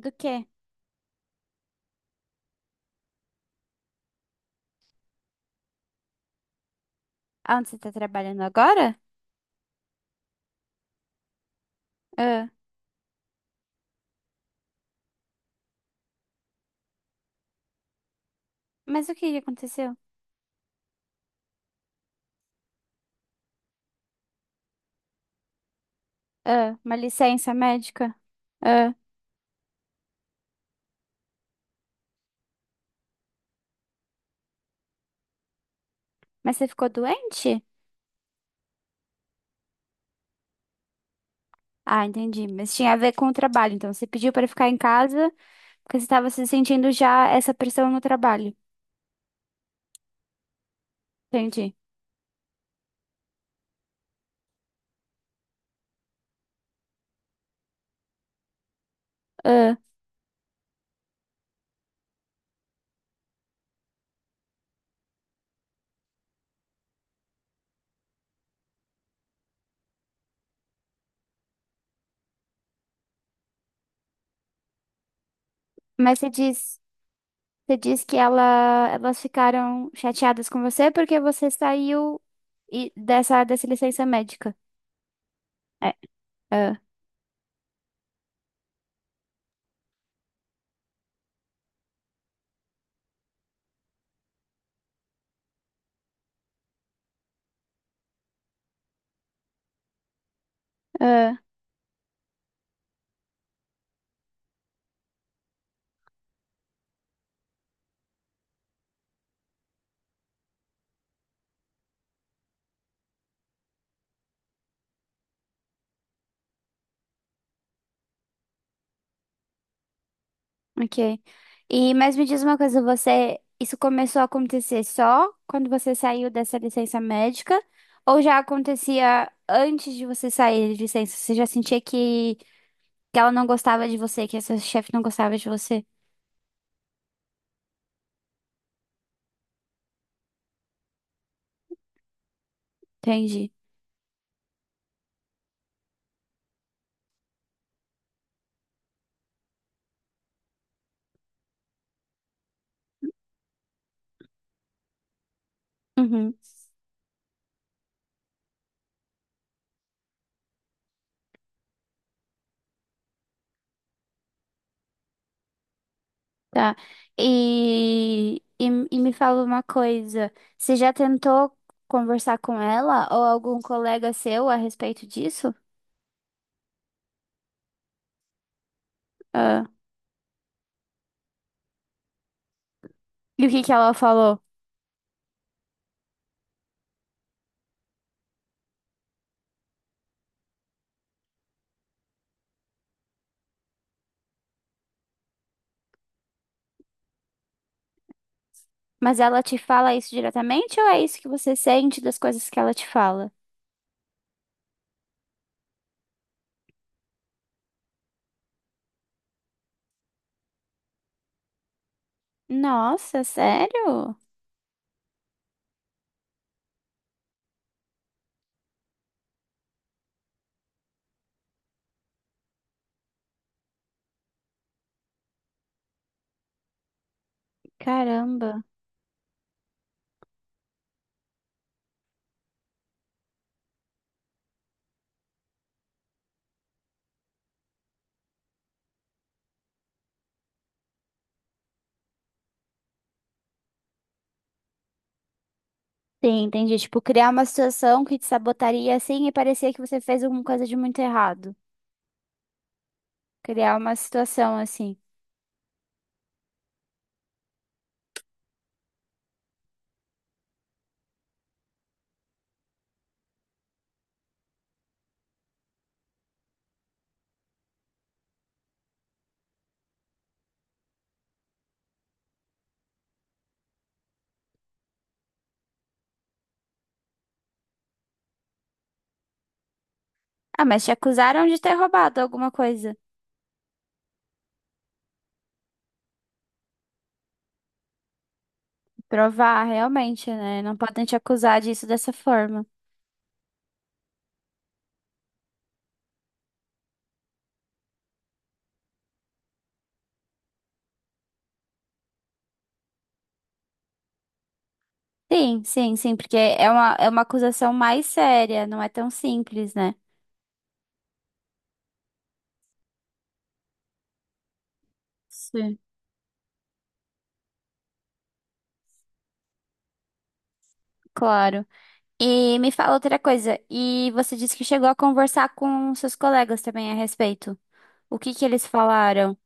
Do quê? Aonde você tá trabalhando agora? Ah, mas o que que aconteceu? Ah, uma licença médica? Ah, mas você ficou doente? Ah, entendi. Mas tinha a ver com o trabalho. Então, você pediu para ficar em casa porque você estava se sentindo já essa pressão no trabalho. Entendi. Ah, mas você diz que ela, elas ficaram chateadas com você porque você saiu dessa, dessa licença médica. É. Ah, ah. Ok. Mas me diz uma coisa, você isso começou a acontecer só quando você saiu dessa licença médica ou já acontecia antes de você sair de licença? Você já sentia que ela não gostava de você, que essa chefe não gostava de você? Entendi. Uhum, tá. E, e, e me fala uma coisa, você já tentou conversar com ela ou algum colega seu a respeito disso? Ah, e o que que ela falou? Mas ela te fala isso diretamente ou é isso que você sente das coisas que ela te fala? Nossa, sério? Caramba. Sim, entendi. Tipo, criar uma situação que te sabotaria assim e parecia que você fez alguma coisa de muito errado. Criar uma situação assim. Ah, mas te acusaram de ter roubado alguma coisa. Provar, realmente, né? Não podem te acusar disso dessa forma. Sim, sim, sim, porque é uma acusação mais séria, não é tão simples, né? Sim. Claro. E me fala outra coisa. E você disse que chegou a conversar com seus colegas também a respeito. O que que eles falaram?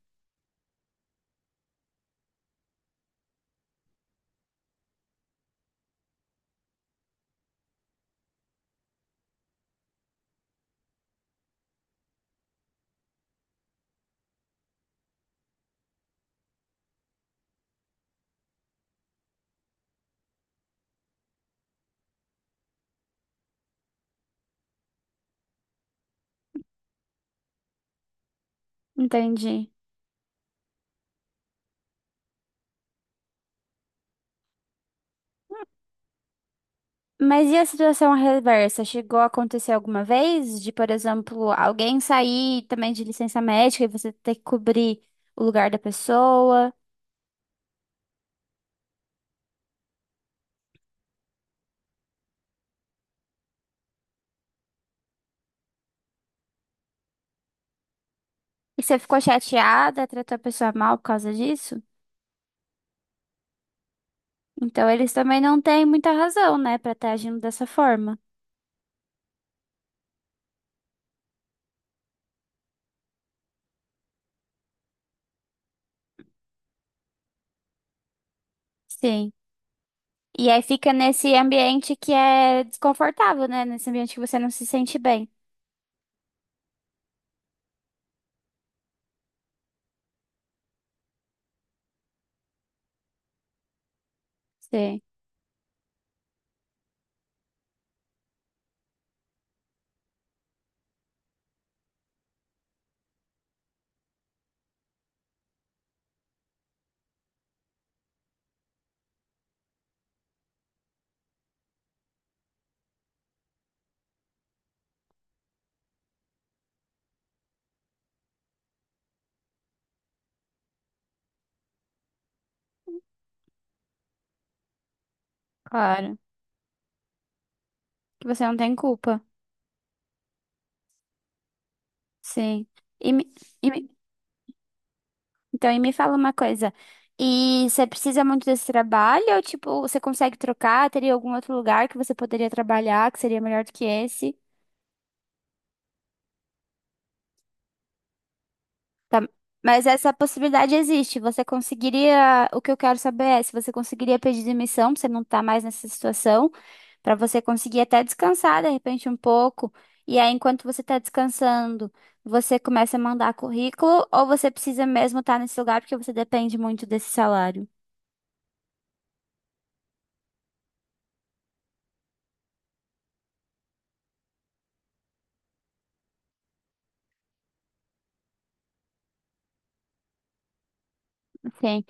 Entendi. Mas e a situação reversa? Chegou a acontecer alguma vez de, por exemplo, alguém sair também de licença médica e você ter que cobrir o lugar da pessoa? E você ficou chateada, tratou a pessoa mal por causa disso? Então eles também não têm muita razão, né, pra estar agindo dessa forma. Sim. E aí fica nesse ambiente que é desconfortável, né? Nesse ambiente que você não se sente bem. Sim, claro. Que você não tem culpa. Sim. E me- e me- então, me fala uma coisa. E você precisa muito desse trabalho? Ou, tipo, você consegue trocar? Teria algum outro lugar que você poderia trabalhar que seria melhor do que esse? Tá. Mas essa possibilidade existe. Você conseguiria. O que eu quero saber é se você conseguiria pedir demissão, pra você não estar mais nessa situação, para você conseguir até descansar de repente um pouco. E aí, enquanto você está descansando, você começa a mandar currículo ou você precisa mesmo estar nesse lugar porque você depende muito desse salário? Ok.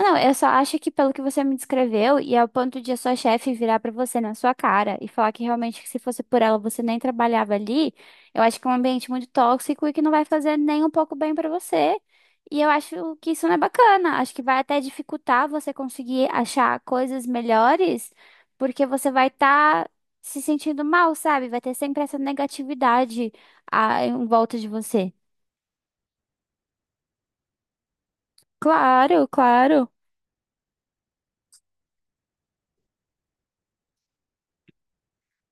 Não, eu só acho que pelo que você me descreveu, e ao ponto de a sua chefe virar pra você na sua cara e falar que realmente que se fosse por ela você nem trabalhava ali, eu acho que é um ambiente muito tóxico e que não vai fazer nem um pouco bem pra você. E eu acho que isso não é bacana. Acho que vai até dificultar você conseguir achar coisas melhores, porque você vai estar se sentindo mal, sabe? Vai ter sempre essa negatividade em volta de você. Claro, claro.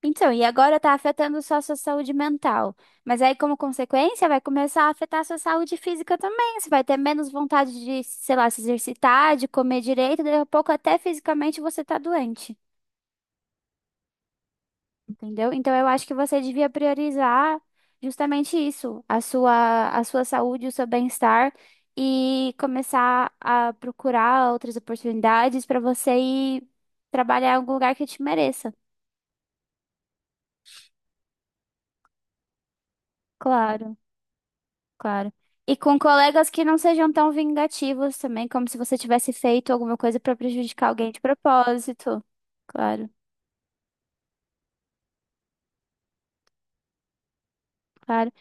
Então, e agora está afetando só a sua saúde mental. Mas aí, como consequência, vai começar a afetar a sua saúde física também. Você vai ter menos vontade de, sei lá, se exercitar, de comer direito, daqui a pouco até fisicamente você tá doente, entendeu? Então, eu acho que você devia priorizar justamente isso, a sua saúde, o seu bem-estar e começar a procurar outras oportunidades para você ir trabalhar em algum lugar que te mereça. Claro. Claro. E com colegas que não sejam tão vingativos também, como se você tivesse feito alguma coisa pra prejudicar alguém de propósito. Claro, claro.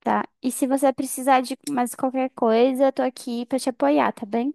Tá. E se você precisar de mais qualquer coisa, eu tô aqui pra te apoiar, tá bem?